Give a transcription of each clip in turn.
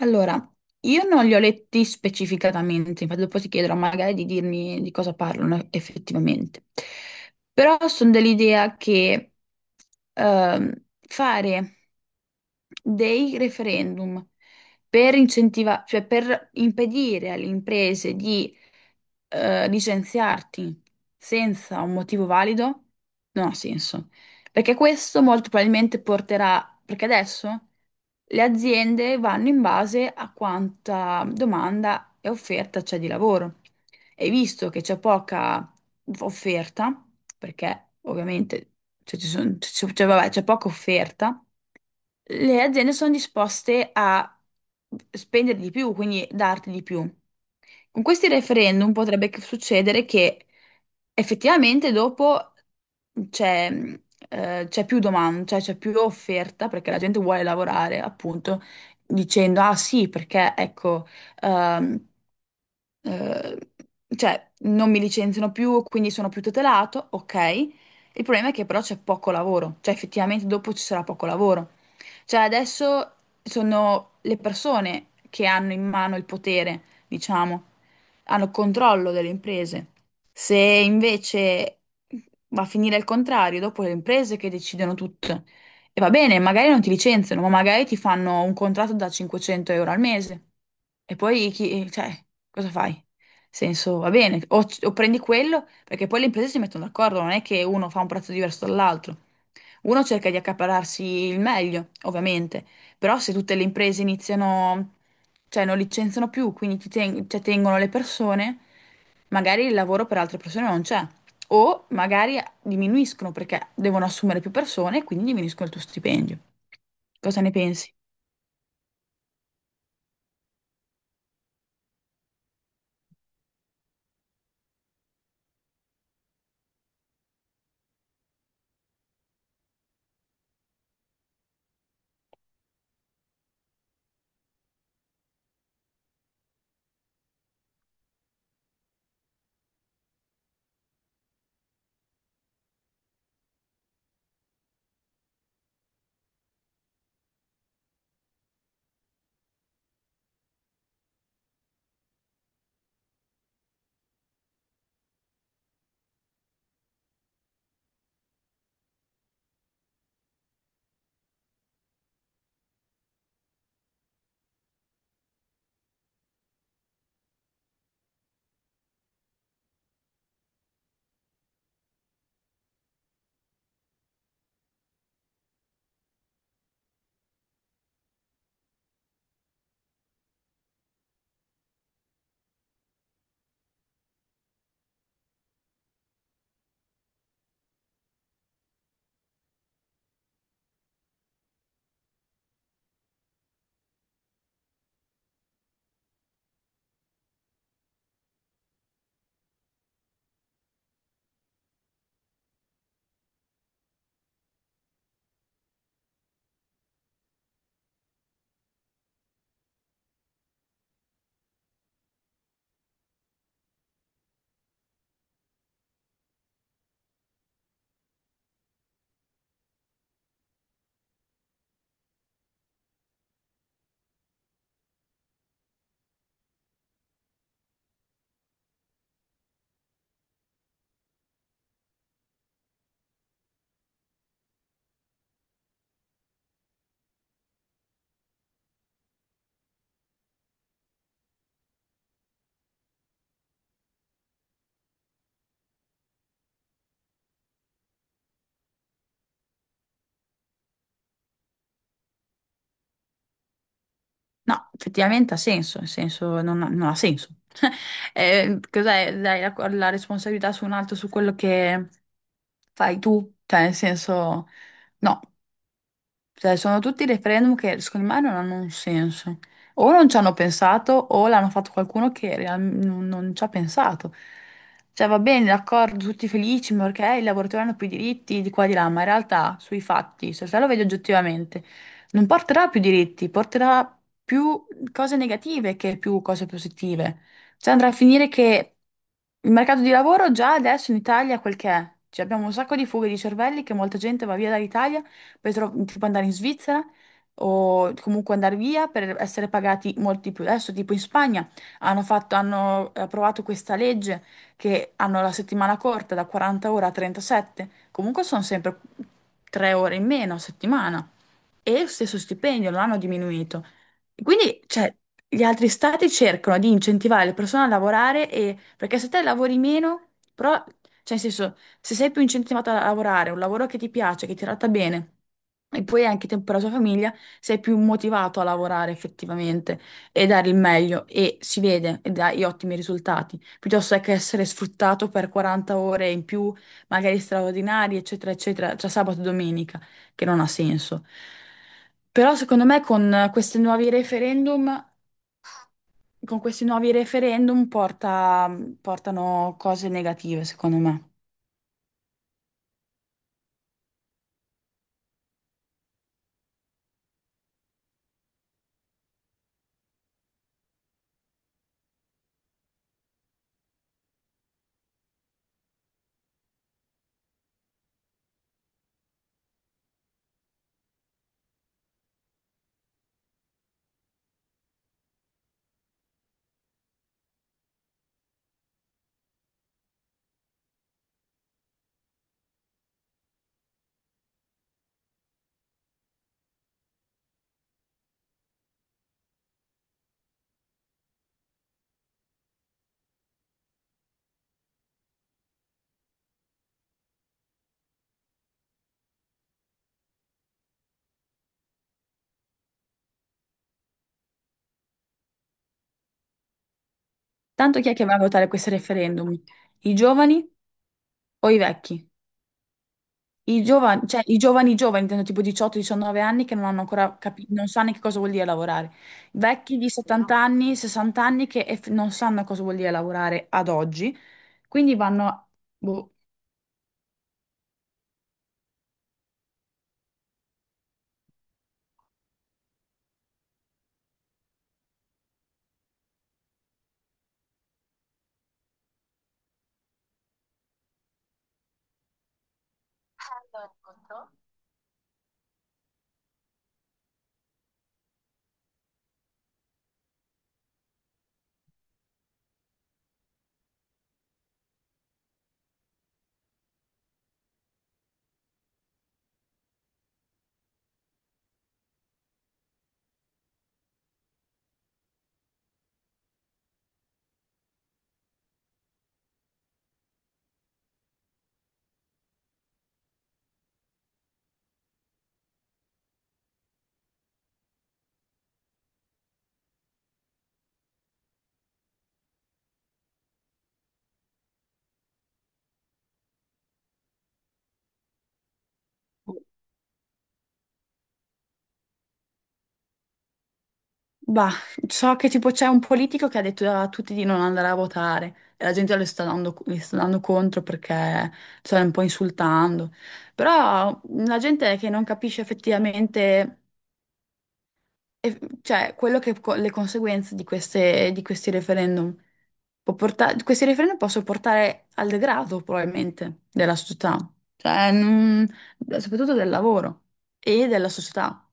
Allora, io non li ho letti specificatamente, infatti dopo ti chiederò magari di dirmi di cosa parlano effettivamente. Però sono dell'idea che ehm, fare dei referendum per cioè per impedire alle imprese di licenziarti senza un motivo valido non ha senso. Perché questo molto probabilmente porterà, perché adesso le aziende vanno in base a quanta domanda e offerta c'è di lavoro. E visto che c'è poca offerta, perché ovviamente cioè, ci son- c'è c'è- vabbè, c'è poca offerta, le aziende sono disposte a spendere di più, quindi darti di più. Con questi referendum potrebbe succedere che effettivamente dopo c'è c'è più domanda, cioè c'è più offerta perché la gente vuole lavorare, appunto, dicendo ah sì, perché ecco, ehm, eh, cioè non mi licenziano più, quindi sono più tutelato, ok. Il problema è che però c'è poco lavoro, cioè effettivamente dopo ci sarà poco lavoro. Cioè adesso sono le persone che hanno in mano il potere, diciamo, hanno controllo delle imprese. Se invece va a finire il contrario, dopo le imprese che decidono tutto. E va bene, magari non ti licenziano, ma magari ti fanno un contratto da 500 euro al mese. E poi chi, cioè, cosa fai? Senso, va bene, o prendi quello, perché poi le imprese si mettono d'accordo, non è che uno fa un prezzo diverso dall'altro. Uno cerca di accaparrarsi il meglio, ovviamente, però se tutte le imprese iniziano, cioè non licenziano più, quindi cioè, tengono le persone, magari il lavoro per altre persone non c'è. O magari diminuiscono perché devono assumere più persone e quindi diminuiscono il tuo stipendio. Cosa ne pensi? No, effettivamente ha senso, nel senso non ha senso. Cos'è? Dai la responsabilità su un altro, su quello che fai tu, cioè nel senso no. Cioè, sono tutti referendum che secondo me non hanno un senso. O non ci hanno pensato, o l'hanno fatto qualcuno che non ci ha pensato. Cioè, va bene, d'accordo, tutti felici, ma perché i lavoratori hanno più diritti di qua e di là, ma in realtà, sui fatti, se te lo vedi oggettivamente, non porterà più diritti, porterà più cose negative che più cose positive. Cioè, andrà a finire che il mercato di lavoro già adesso in Italia è quel che è. Cioè, abbiamo un sacco di fughe di cervelli che molta gente va via dall'Italia tipo andare in Svizzera o comunque andare via per essere pagati molti più. Adesso tipo in Spagna hanno approvato questa legge che hanno la settimana corta da 40 ore a 37, comunque sono sempre 3 ore in meno a settimana e lo stesso stipendio, non hanno diminuito. Quindi, cioè, gli altri stati cercano di incentivare le persone a lavorare e, perché se te lavori meno, però, cioè, nel senso, se sei più incentivato a lavorare, un lavoro che ti piace, che ti tratta bene, e poi hai anche tempo per la tua famiglia, sei più motivato a lavorare effettivamente e dare il meglio e si vede e dai ottimi risultati, piuttosto che essere sfruttato per 40 ore in più, magari straordinarie, eccetera, eccetera, tra sabato e domenica che non ha senso. Però secondo me con questi nuovi referendum portano cose negative, secondo me. Tanto chi è che va a votare questi referendum? I giovani o i vecchi? I giovani, cioè i giovani giovani, intendo tipo 18-19 anni che non hanno ancora capito, non sanno che cosa vuol dire lavorare. Vecchi di 70 anni, 60 anni che non sanno cosa vuol dire lavorare ad oggi, quindi vanno boh. Boh. Bah, so che tipo c'è un politico che ha detto a tutti di non andare a votare e la gente le sta dando contro perché sta un po' insultando. Però la gente è che non capisce effettivamente, cioè, quello che le conseguenze di di questi referendum questi referendum possono portare al degrado probabilmente della società, cioè, soprattutto del lavoro e della società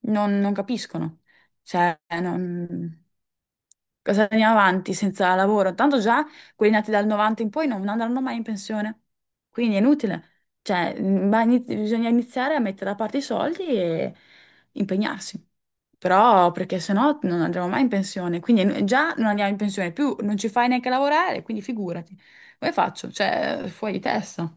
non capiscono. Cioè, non... cosa andiamo avanti senza lavoro? Tanto già quelli nati dal 90 in poi non andranno mai in pensione, quindi è inutile. Cioè, bisogna iniziare a mettere da parte i soldi e impegnarsi. Però, perché sennò non andremo mai in pensione, quindi già non andiamo in pensione più, non ci fai neanche lavorare, quindi figurati. Come faccio? Cioè, fuori di testa.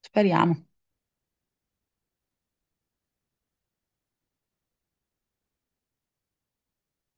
Speriamo.